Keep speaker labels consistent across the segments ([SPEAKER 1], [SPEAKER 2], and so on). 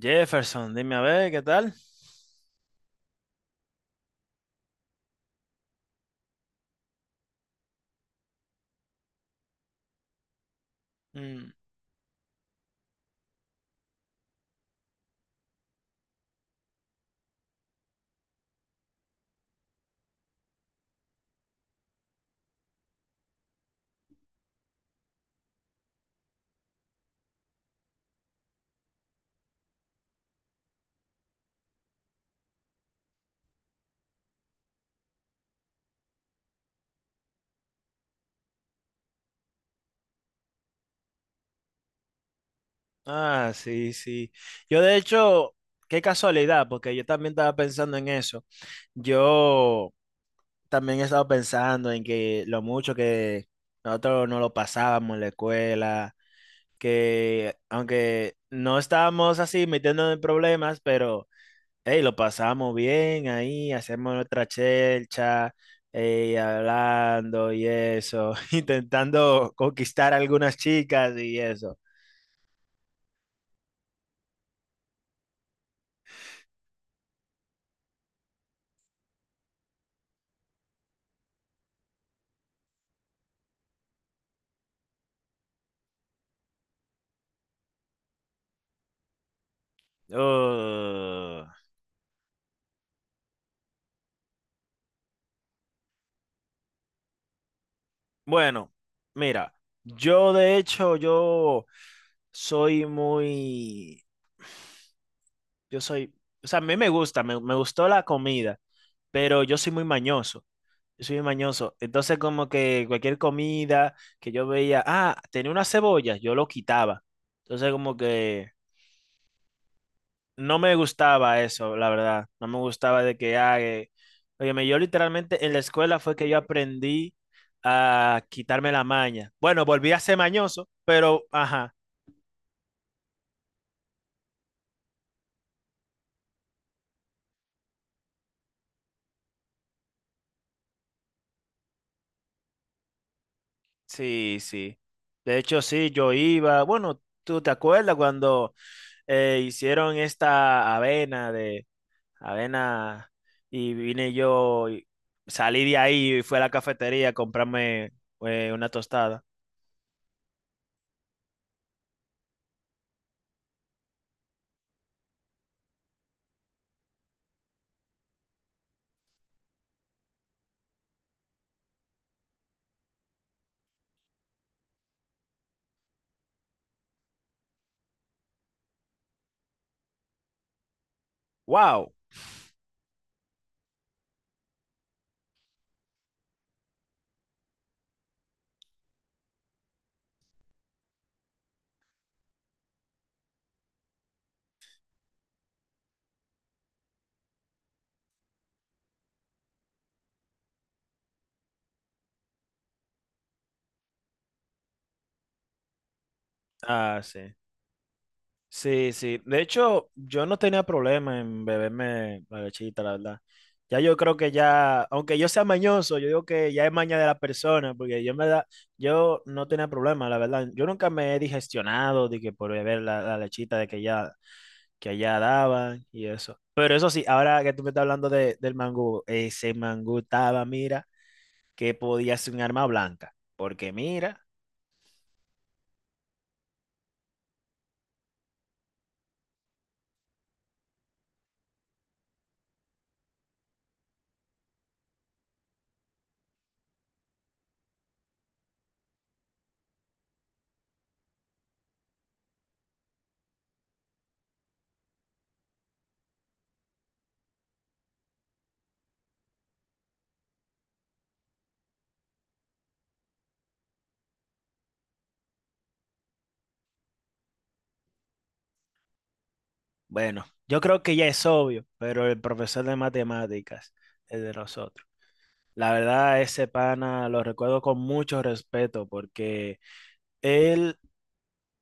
[SPEAKER 1] Jefferson, dime a ver, ¿qué tal? Mm, ah, sí, sí. Yo de hecho, qué casualidad, porque yo también estaba pensando en eso. Yo también he estado pensando en que lo mucho que nosotros no lo pasábamos en la escuela, que aunque no estábamos así metiéndonos en problemas, pero hey, lo pasábamos bien ahí, hacemos nuestra chelcha, hablando y eso, intentando conquistar a algunas chicas y eso. Uh, bueno, mira, yo de hecho, yo soy muy, yo soy, o sea, a mí me gusta, me gustó la comida, pero yo soy muy mañoso. Yo soy muy mañoso. Entonces, como que cualquier comida que yo veía, ah, tenía una cebolla, yo lo quitaba. Entonces, como que no me gustaba eso, la verdad. No me gustaba de que haga. Óyeme, yo literalmente en la escuela fue que yo aprendí a quitarme la maña. Bueno, volví a ser mañoso, pero ajá, sí, sí. De hecho, sí, yo iba. Bueno, ¿tú te acuerdas cuando hicieron esta avena de avena y vine yo, y salí de ahí y fui a la cafetería a comprarme una tostada? ¡Wow! Ah, sí. Sí, sí. De hecho, yo no tenía problema en beberme la lechita, la verdad. Ya yo creo que ya, aunque yo sea mañoso, yo digo que ya es maña de la persona, porque yo en verdad, yo no tenía problema, la verdad. Yo nunca me he digestionado de que por beber la lechita de que ya, que allá daban y eso. Pero eso sí, ahora que tú me estás hablando de- del mangú, ese mangú estaba, mira, que podía ser un arma blanca. Porque mira. Bueno, yo creo que ya es obvio, pero el profesor de matemáticas, el de nosotros, la verdad, ese pana lo recuerdo con mucho respeto porque él,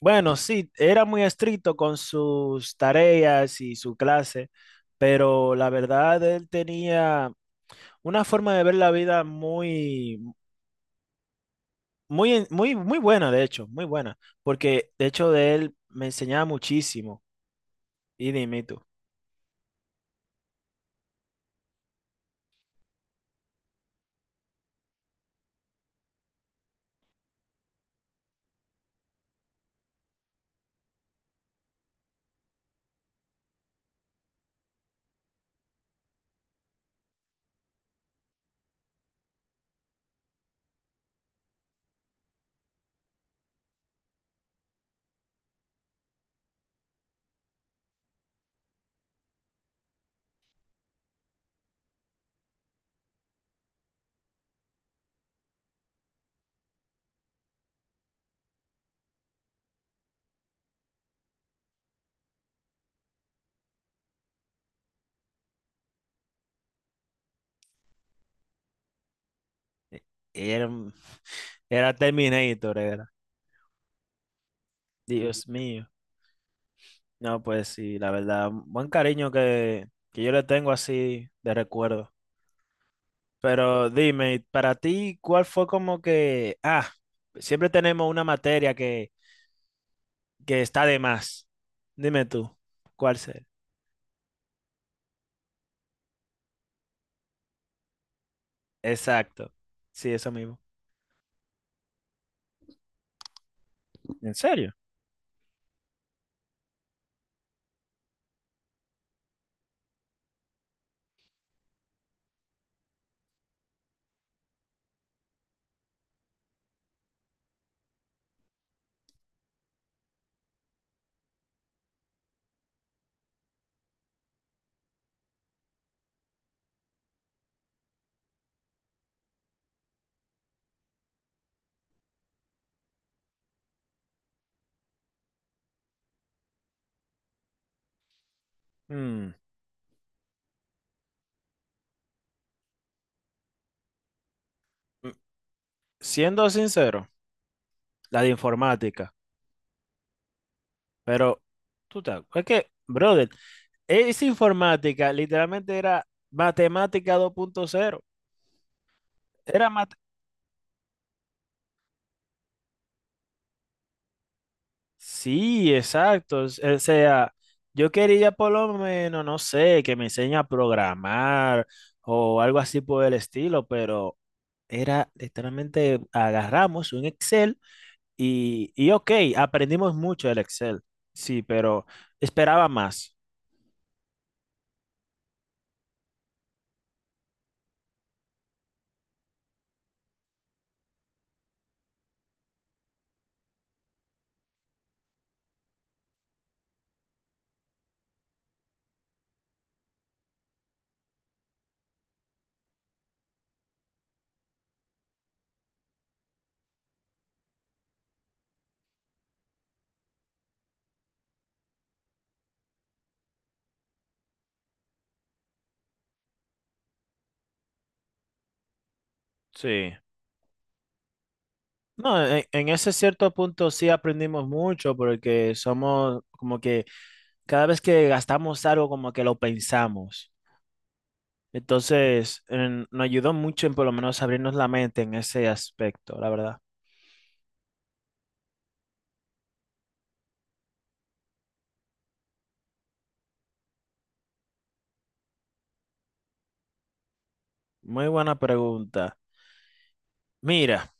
[SPEAKER 1] bueno, sí, era muy estricto con sus tareas y su clase, pero la verdad, él tenía una forma de ver la vida muy buena, de hecho, muy buena, porque de hecho de él me enseñaba muchísimo, y dime tú, era, un- era Terminator, era. Sí. Dios mío. No, pues sí, la verdad, buen cariño que yo le tengo así de recuerdo. Pero dime, para ti, ¿cuál fue como que, ah, siempre tenemos una materia que está de más? Dime tú, ¿cuál ser Exacto, sí, eso mismo. ¿En serio? Mm, mm, siendo sincero, la de informática, pero tú te, es que, brother, esa informática literalmente era matemática dos punto cero era, ma- sí, exacto. O sea, yo quería por lo menos, no sé, que me enseñe a programar o algo así por el estilo, pero era literalmente agarramos un Excel y ok, aprendimos mucho del Excel. Sí, pero esperaba más. Sí. No, en ese cierto punto sí aprendimos mucho porque somos como que cada vez que gastamos algo como que lo pensamos. Entonces, en- nos ayudó mucho en por lo menos abrirnos la mente en ese aspecto, la verdad. Muy buena pregunta. Mira,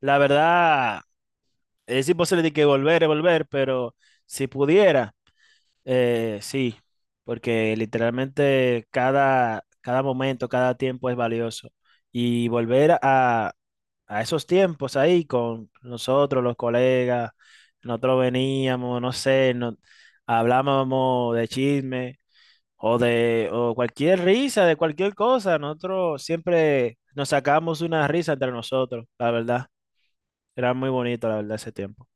[SPEAKER 1] la verdad, es imposible de que volver y volver, pero si pudiera, sí, porque literalmente cada momento, cada tiempo es valioso. Y volver a esos tiempos ahí con nosotros, los colegas, nosotros veníamos, no sé, no hablábamos de chisme o de o cualquier risa, de cualquier cosa. Nosotros siempre nos sacábamos una risa entre nosotros, la verdad. Era muy bonito, la verdad, ese tiempo.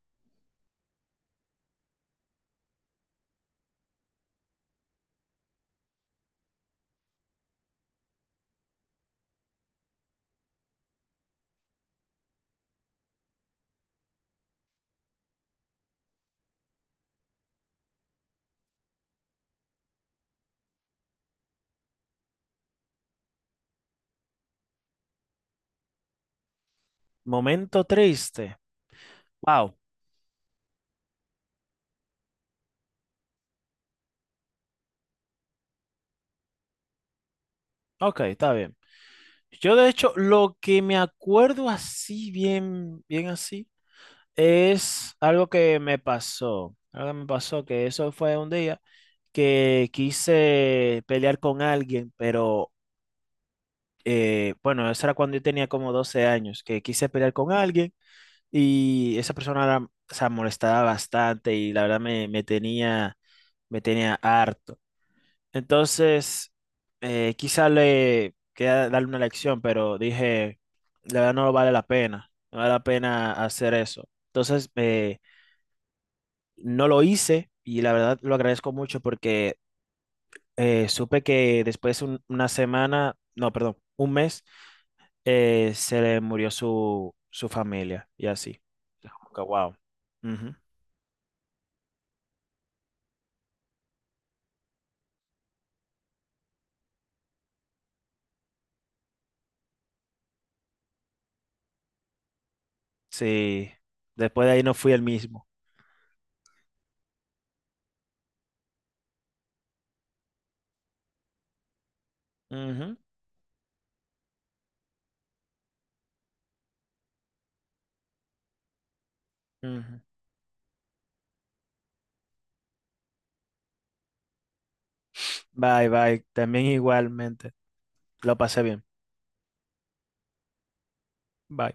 [SPEAKER 1] Momento triste. Wow. Ok, está bien. Yo, de hecho, lo que me acuerdo así, bien, bien así, es algo que me pasó. Algo que me pasó, que eso fue un día que quise pelear con alguien, pero bueno, eso era cuando yo tenía como 12 años, que quise pelear con alguien. Y esa persona era, o sea, molestaba bastante y la verdad me tenía harto. Entonces, quizá le quería darle una lección, pero dije, la verdad no vale la pena, no vale la pena hacer eso. Entonces, no lo hice y la verdad lo agradezco mucho porque supe que después un- una semana, no, perdón, un mes, se le murió su familia y así. Como que, wow. Sí, después de ahí no fui el mismo. Ujú, ujú. Bye, bye. También igualmente. Lo pasé bien. Bye.